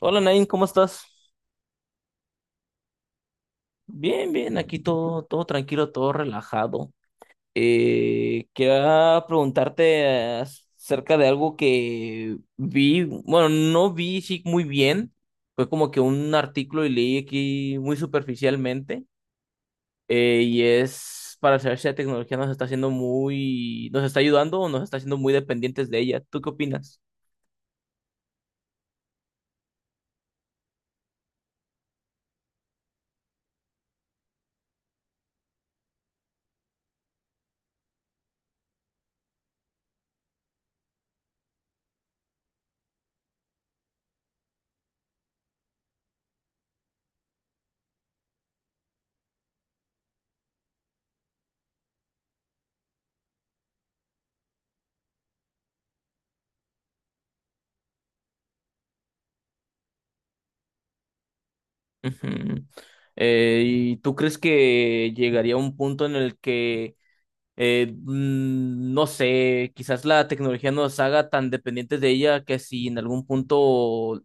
Hola Nain, ¿cómo estás? Bien, bien, aquí todo tranquilo, todo relajado. Quería preguntarte acerca de algo que vi, bueno, no vi sí, muy bien, fue como que un artículo y leí aquí muy superficialmente, y es para saber si la tecnología nos está haciendo muy, nos está ayudando o nos está haciendo muy dependientes de ella. ¿Tú qué opinas? Ujú. ¿Y tú crees que llegaría un punto en el que no sé, quizás la tecnología nos haga tan dependientes de ella que si en algún punto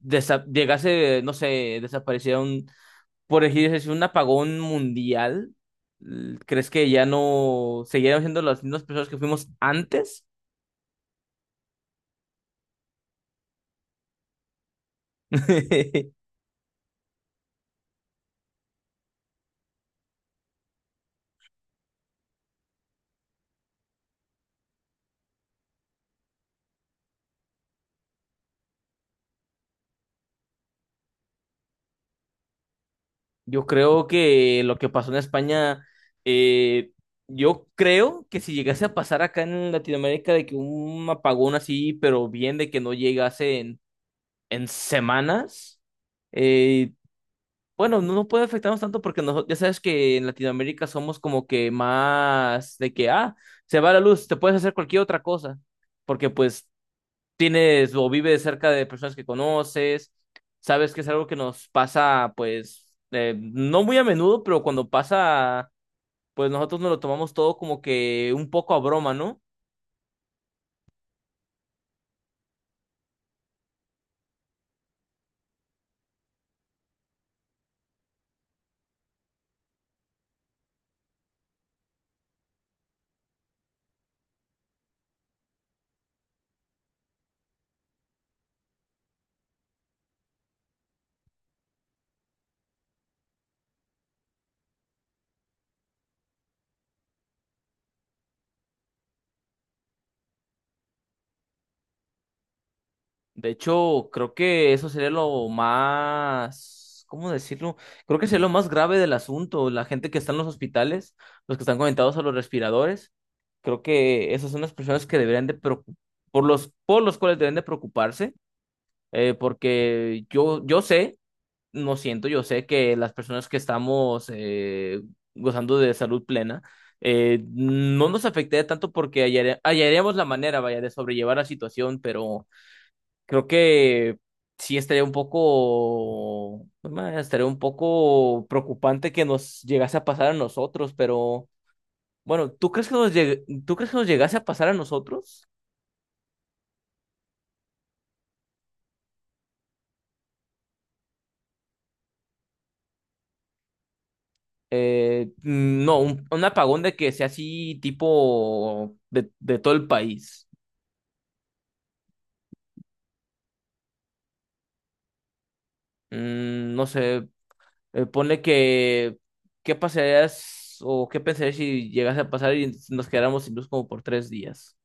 llegase, no sé, desapareciera un, por decir así, un apagón mundial, ¿crees que ya no seguiríamos siendo las mismas personas que fuimos antes? Yo creo que lo que pasó en España, eh, yo creo que si llegase a pasar acá en Latinoamérica de que un apagón así, pero bien de que no llegase en semanas. Eh, bueno, no puede afectarnos tanto porque nosotros, ya sabes que en Latinoamérica somos como que más de que, ah, se va la luz, te puedes hacer cualquier otra cosa, porque pues tienes o vives cerca de personas que conoces, sabes que es algo que nos pasa, pues, no muy a menudo, pero cuando pasa, pues nosotros nos lo tomamos todo como que un poco a broma, ¿no? De hecho, creo que eso sería lo más, ¿cómo decirlo? Creo que sería lo más grave del asunto. La gente que está en los hospitales, los que están conectados a los respiradores, creo que esas son las personas que por los cuales deben de preocuparse, porque yo sé, no siento, yo sé que las personas que estamos gozando de salud plena, no nos afectaría tanto porque hallaríamos la manera, vaya, de sobrellevar la situación, pero creo que sí estaría un poco, ma, estaría un poco preocupante que nos llegase a pasar a nosotros, pero bueno, ¿tú crees que nos llegase a pasar a nosotros? No, un apagón de que sea así tipo de todo el país. No sé, ponle que, ¿qué pasarías o qué pensarías si llegase a pasar y nos quedáramos sin luz como por tres días?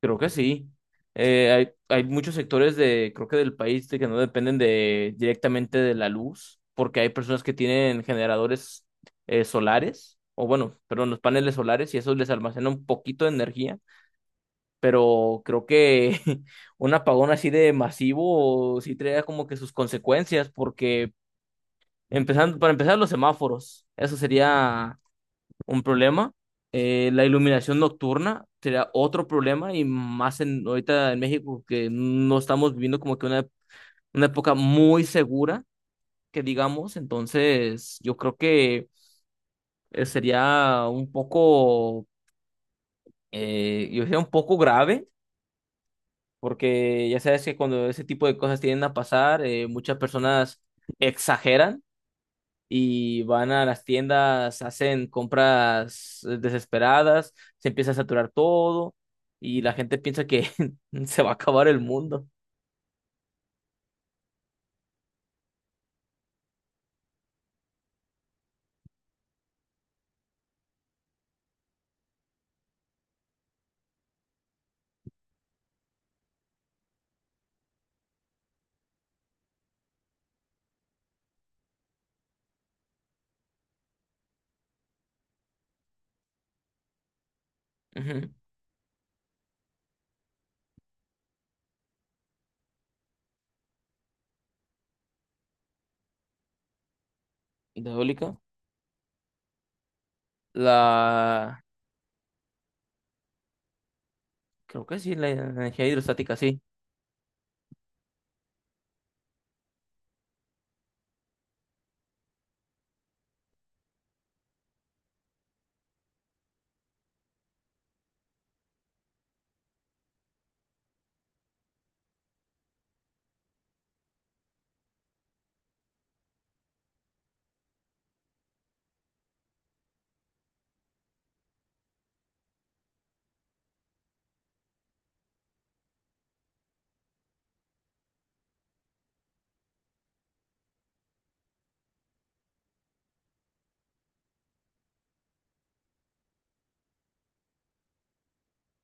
Creo que sí. Hay muchos sectores de, creo que del país de que no dependen de directamente de la luz, porque hay personas que tienen generadores solares, o bueno, perdón, los paneles solares, y eso les almacena un poquito de energía, pero creo que un apagón así de masivo sí trae como que sus consecuencias, porque empezando, para empezar los semáforos, eso sería un problema. La iluminación nocturna sería otro problema y más en, ahorita en México que no estamos viviendo como que una época muy segura, que digamos, entonces yo creo que sería un poco, yo diría un poco grave, porque ya sabes que cuando ese tipo de cosas tienden a pasar, muchas personas exageran y van a las tiendas, hacen compras desesperadas, se empieza a saturar todo y la gente piensa que se va a acabar el mundo. Ujú. ¿Hidráulica? La... Creo que sí, la energía hidrostática, sí.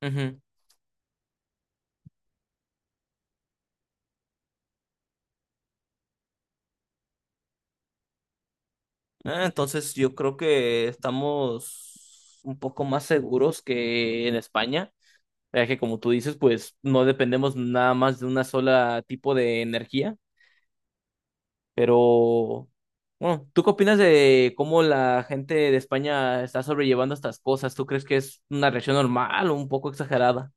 Ujú. Ah, entonces yo creo que estamos un poco más seguros que en España, ya que como tú dices, pues no dependemos nada más de una sola tipo de energía. Pero, bueno, ¿tú qué opinas de cómo la gente de España está sobrellevando estas cosas? ¿Tú crees que es una reacción normal o un poco exagerada?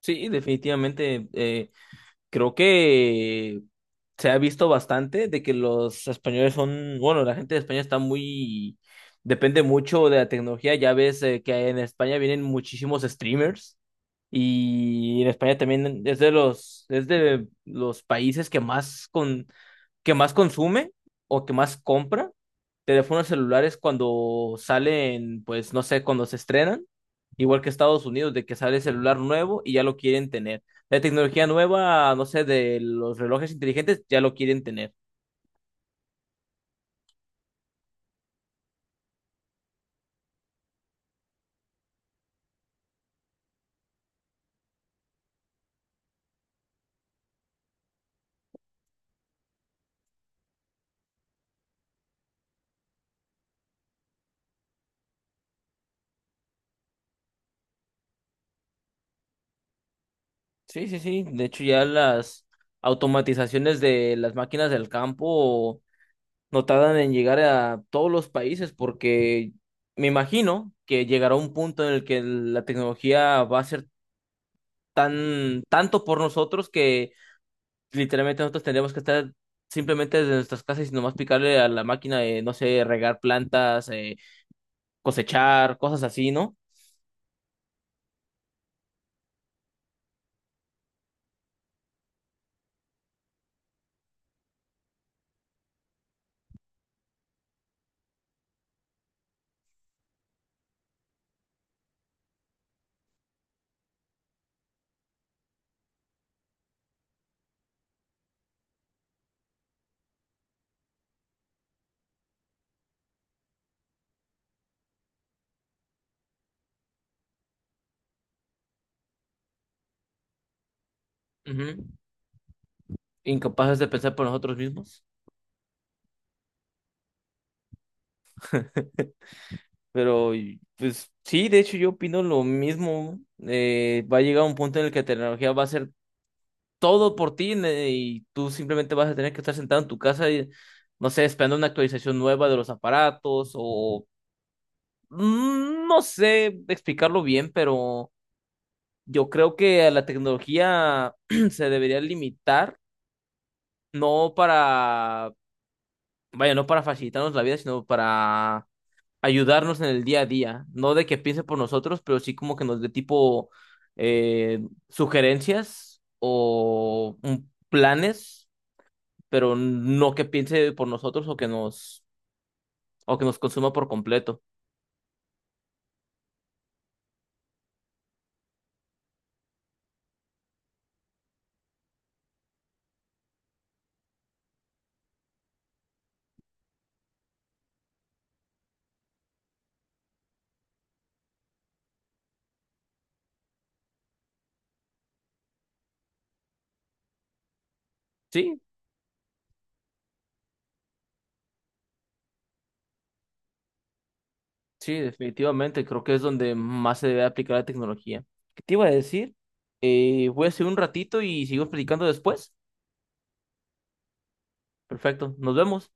Sí, definitivamente. Creo que se ha visto bastante de que los españoles son, bueno, la gente de España está muy, depende mucho de la tecnología. Ya ves que en España vienen muchísimos streamers. Y en España también es de los países que más con, que más consume o que más compra teléfonos celulares cuando salen, pues no sé, cuando se estrenan, igual que Estados Unidos, de que sale celular nuevo y ya lo quieren tener. La tecnología nueva, no sé, de los relojes inteligentes, ya lo quieren tener. Sí. De hecho, ya las automatizaciones de las máquinas del campo no tardan en llegar a todos los países porque me imagino que llegará un punto en el que la tecnología va a ser tan tanto por nosotros que literalmente nosotros tendríamos que estar simplemente desde nuestras casas y nomás picarle a la máquina de, no sé, regar plantas, cosechar, cosas así, ¿no? Ujú. Incapaces de pensar por nosotros mismos. Pero, y, pues sí, de hecho yo opino lo mismo. Va a llegar un punto en el que la tecnología va a ser todo por ti y tú simplemente vas a tener que estar sentado en tu casa y, no sé, esperando una actualización nueva de los aparatos o no sé explicarlo bien, pero yo creo que a la tecnología se debería limitar, no para, vaya, no para facilitarnos la vida, sino para ayudarnos en el día a día, no de que piense por nosotros, pero sí como que nos dé tipo eh, sugerencias o planes pero no que piense por nosotros o que nos consuma por completo. Sí, sí, definitivamente, creo que es donde más se debe aplicar la tecnología. ¿Qué te iba a decir? Voy a hacer un ratito y sigo platicando después. Perfecto, nos vemos.